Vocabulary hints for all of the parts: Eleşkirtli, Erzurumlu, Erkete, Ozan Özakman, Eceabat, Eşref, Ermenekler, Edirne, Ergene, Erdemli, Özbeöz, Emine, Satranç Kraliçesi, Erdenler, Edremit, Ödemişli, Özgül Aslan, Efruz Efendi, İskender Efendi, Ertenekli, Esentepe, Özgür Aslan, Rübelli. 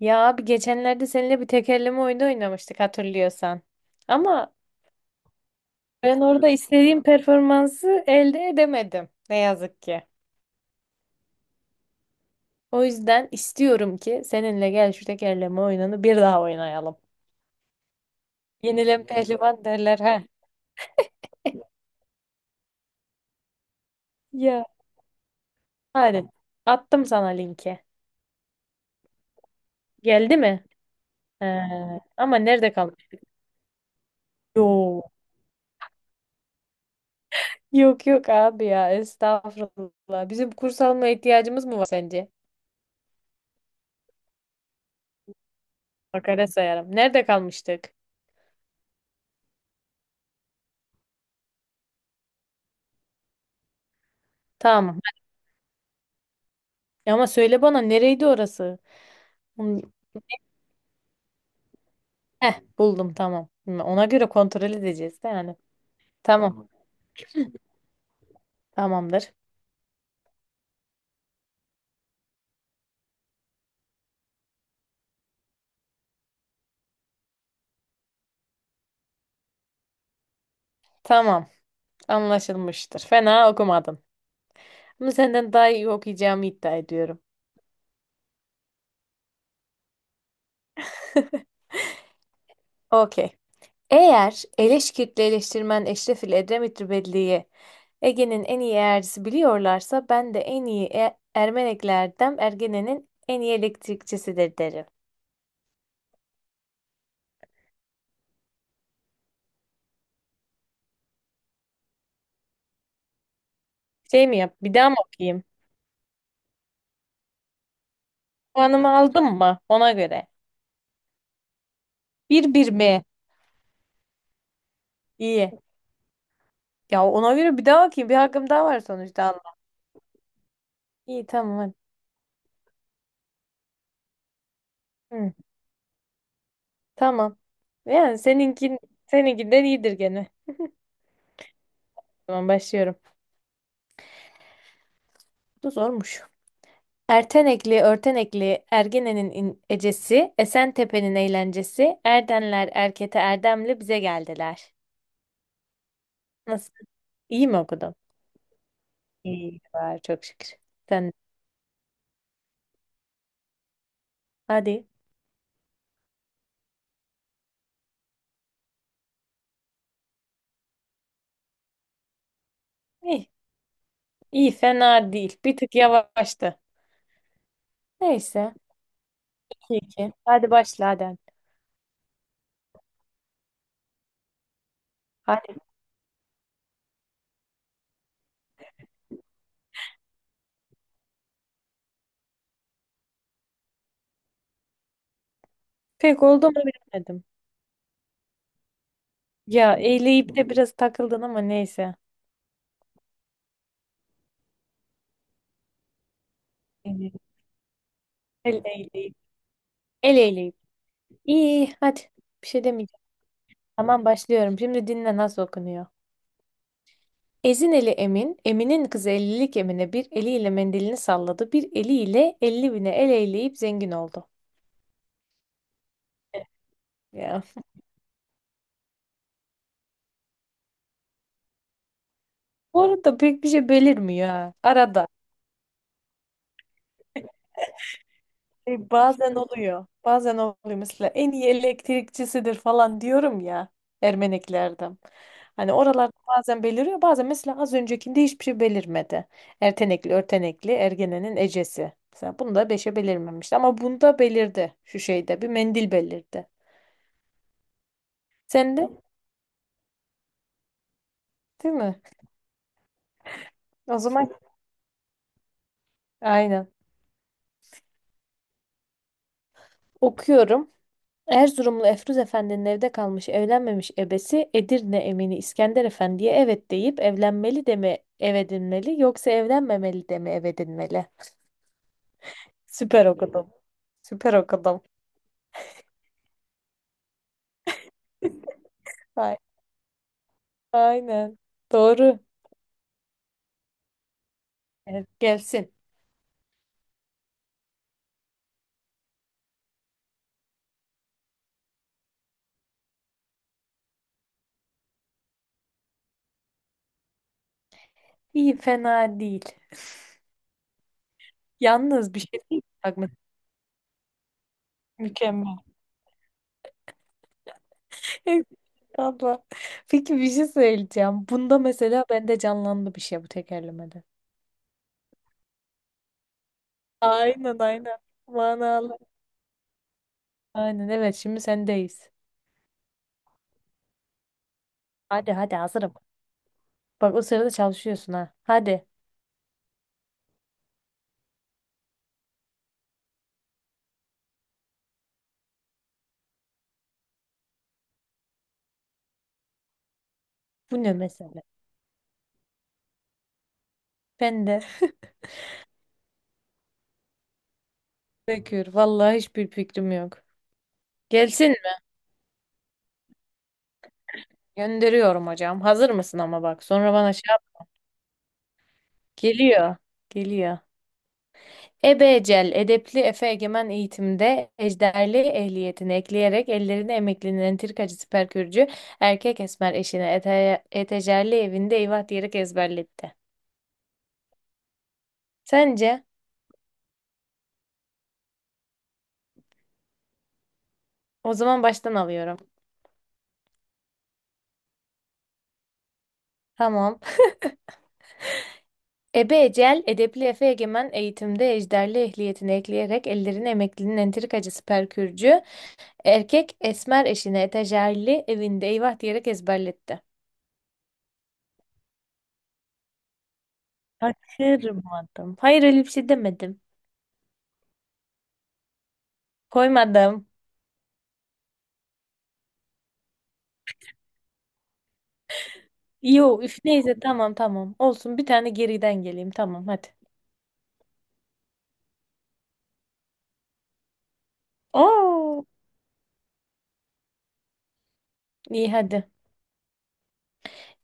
Ya abi geçenlerde seninle bir tekerleme oyunu oynamıştık hatırlıyorsan. Ama ben orada istediğim performansı elde edemedim ne yazık ki. O yüzden istiyorum ki seninle gel şu tekerleme oyununu bir daha oynayalım. Yenilen pehlivan derler ha. Ya hadi attım sana linki. Geldi mi? Ee, ama nerede kalmış? Yo. Yok yok abi ya estağfurullah. Bizim kurs alma ihtiyacımız mı var sence? Makale sayarım. Nerede kalmıştık? Tamam. Ya ama söyle bana nereydi orası? Hmm, heh buldum tamam. Ona göre kontrol edeceğiz de yani. Tamam. Tamam. Tamamdır. Tamam. Anlaşılmıştır. Fena okumadın. Ama senden daha iyi okuyacağımı iddia ediyorum. Okey. Eğer Eleşkirtli eleştirmen Eşref ile Edremit Rübelli'yi Ege'nin en iyi eğercisi biliyorlarsa ben de en iyi Ermeneklerden Ergene'nin en iyi elektrikçisidir derim. Şey mi yap? Bir daha mı okuyayım? Puanımı aldım mı? Ona göre. Bir bir mi? İyi. Ya ona göre bir daha bakayım. Bir hakkım daha var sonuçta. Allah. İyi tamam hadi. Hı, tamam. Yani seninkin, seninkinden iyidir gene. Tamam başlıyorum. Bu da zormuş. Ertenekli, örtenekli, ecesi, Esentepe'nin eğlencesi, Erdenler, Erkete, Erdemli bize geldiler. Nasıl? İyi mi okudum? İyi var çok şükür. Sen hadi. İyi, iyi fena değil. Bir tık yavaştı. Neyse. İyi ki. Hadi başla hadi. Hadi. Pek oldu mu bilemedim. Ya eyleyip de biraz takıldın ama neyse. Evet. El eyleyip. El eyleyip. İyi hadi. Bir şey demeyeceğim. Tamam başlıyorum. Şimdi dinle nasıl okunuyor. Ezin eli Emin, Emin'in kızı ellilik Emine bir eliyle mendilini salladı, bir eliyle 50.000'e el eyleyip zengin oldu. Ya. Bu arada pek bir şey belirmiyor ha. Arada. E, bazen oluyor. Bazen oluyor. Mesela en iyi elektrikçisidir falan diyorum ya Ermeneklerden. Hani oralarda bazen beliriyor. Bazen mesela az öncekinde hiçbir şey belirmedi. Ertenekli, örtenekli, ergenenin ecesi. Mesela bunda beşe belirmemişti. Ama bunda belirdi. Şu şeyde bir mendil belirdi. Sen de değil mi? O zaman aynen. Okuyorum. Erzurumlu Efruz Efendi'nin evde kalmış evlenmemiş ebesi Edirne emini İskender Efendi'ye evet deyip evlenmeli de mi ev edinmeli yoksa evlenmemeli de mi ev edinmeli? Süper okudum. Süper okudum. Ay- Aynen. Doğru. Evet, gelsin. İyi fena değil. Yalnız bir şey değil mi? Mükemmel. Abla. Peki bir şey söyleyeceğim. Bunda mesela bende canlandı bir şey bu tekerlemede. Aynen aynen. Manalı. Aynen evet şimdi sendeyiz. Hadi hadi hazırım. Bak o sırada çalışıyorsun ha. Hadi. Bu ne mesele? Ben de bekliyorum. Vallahi hiçbir fikrim yok. Gelsin mi? Gönderiyorum hocam. Hazır mısın ama bak. Sonra bana şey yap. Geliyor. Geliyor. Ebecel, edepli Efe Egemen eğitimde ejderli ehliyetini ekleyerek ellerini emeklinin entrikacı siperkürcü erkek esmer eşine ete, etecerli evinde eyvah diyerek ezberletti. Sence? O zaman baştan alıyorum. Tamam. Ebe Ecel, edepli Efe Egemen eğitimde ejderli ehliyetini ekleyerek ellerini emeklinin entrikacısı Perkürcü, erkek esmer eşine etajerli evinde eyvah diyerek ezberletti. Kaçırmadım. Hayır öyle bir şey demedim. Koymadım. Yo üf neyse tamam tamam. Olsun bir tane geriden geleyim tamam hadi. Oo, iyi hadi.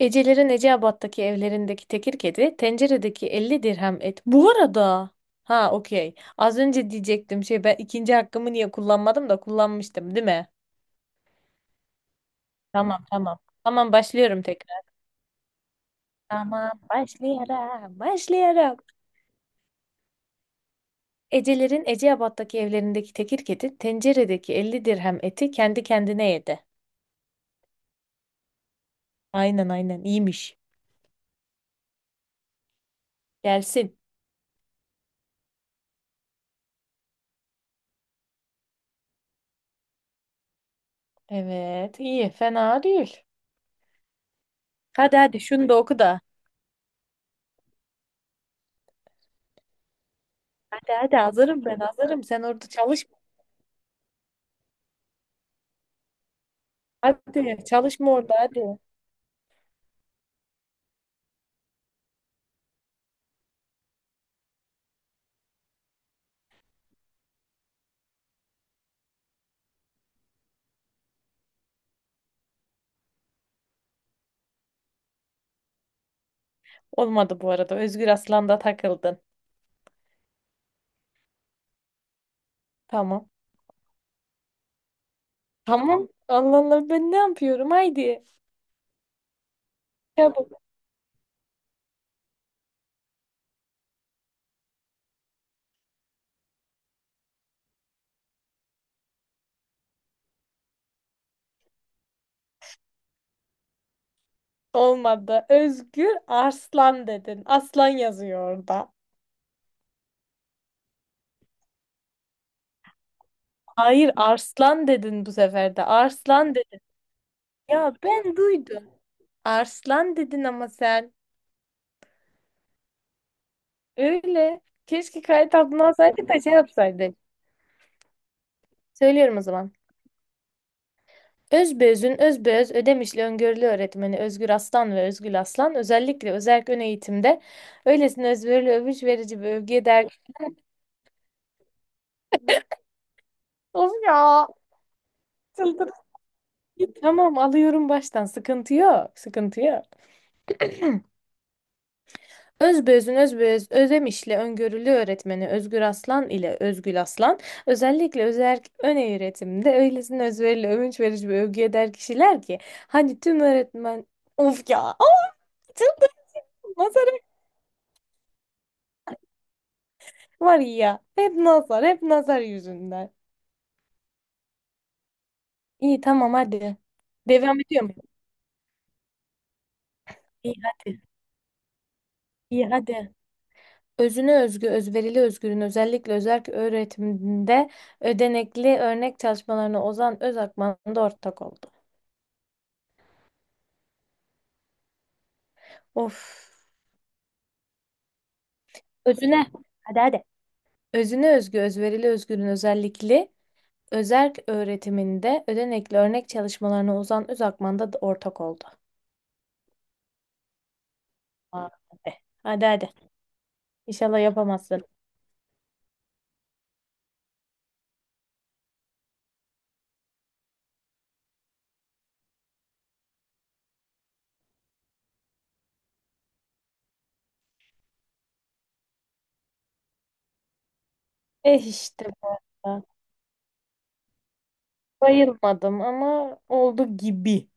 Ecelerin Eceabat'taki evlerindeki tekir kedi, tenceredeki 50 dirhem et. Bu arada, ha okey. Az önce diyecektim şey ben ikinci hakkımı niye kullanmadım da kullanmıştım, değil mi? Tamam tamam. Tamam başlıyorum tekrar. Tamam başlayarak. Ecelerin Eceabat'taki evlerindeki tekir kedi, tenceredeki 50 dirhem eti kendi kendine yedi. Aynen aynen iyiymiş. Gelsin. Evet iyi fena değil. Hadi hadi şunu da oku da. Hadi hadi hazırım ben hazırım. Sen orada çalış. Hadi çalışma orada hadi. Olmadı bu arada. Özgür Aslan'da takıldın. Tamam. Tamam. Allah Allah ben ne yapıyorum? Haydi. Çabuk. Olmadı. Özgür Arslan dedin. Aslan yazıyor orada. Hayır Arslan dedin bu sefer de. Arslan dedin. Ya ben duydum. Arslan dedin ama sen. Öyle. Keşke kayıt altına alsaydık da şey yapsaydın. Söylüyorum o zaman. Özbeöz'ün özbeöz Ödemişli öngörülü öğretmeni Özgür Aslan ve Özgül Aslan özellikle özerk ön eğitimde öylesine özverili övüş verici bir övgüye değer... Of ya! Çıldırdım. Tamam alıyorum baştan sıkıntı yok sıkıntı yok. Özbeöz'ün özbeöz Ödemişli öngörülü öğretmeni Özgür Aslan ile Özgül Aslan özellikle özerk ön eğitimde öylesine özverili övünç verici bir övgüye değer kişiler ki hani tüm öğretmen. Of ya! Of, çıldırdım. Var ya. Hep nazar. Hep nazar yüzünden. İyi tamam hadi. Devam ediyor muyum? İyi hadi. İyi hadi. Özüne özgü, özverili özgürün özellikle özerk öğretiminde ödenekli örnek çalışmalarına Ozan Özakman da ortak oldu. Of. Özüne. Hadi hadi. Özüne özgü, özverili özgürün özellikli özerk öğretiminde ödenekli örnek çalışmalarına Ozan Özakman da ortak oldu. Hadi hadi. Hadi. İnşallah yapamazsın. Eh işte bu. Bayılmadım ama oldu gibi.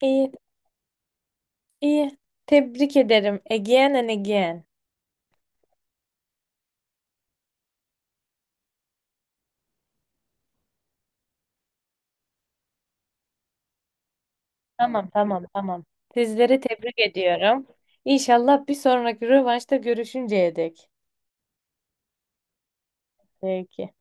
İyi, iyi. Tebrik ederim. Again and again. Tamam, tamam, tamam. Sizleri tebrik ediyorum. İnşallah bir sonraki rövanşta görüşünceye dek. Peki.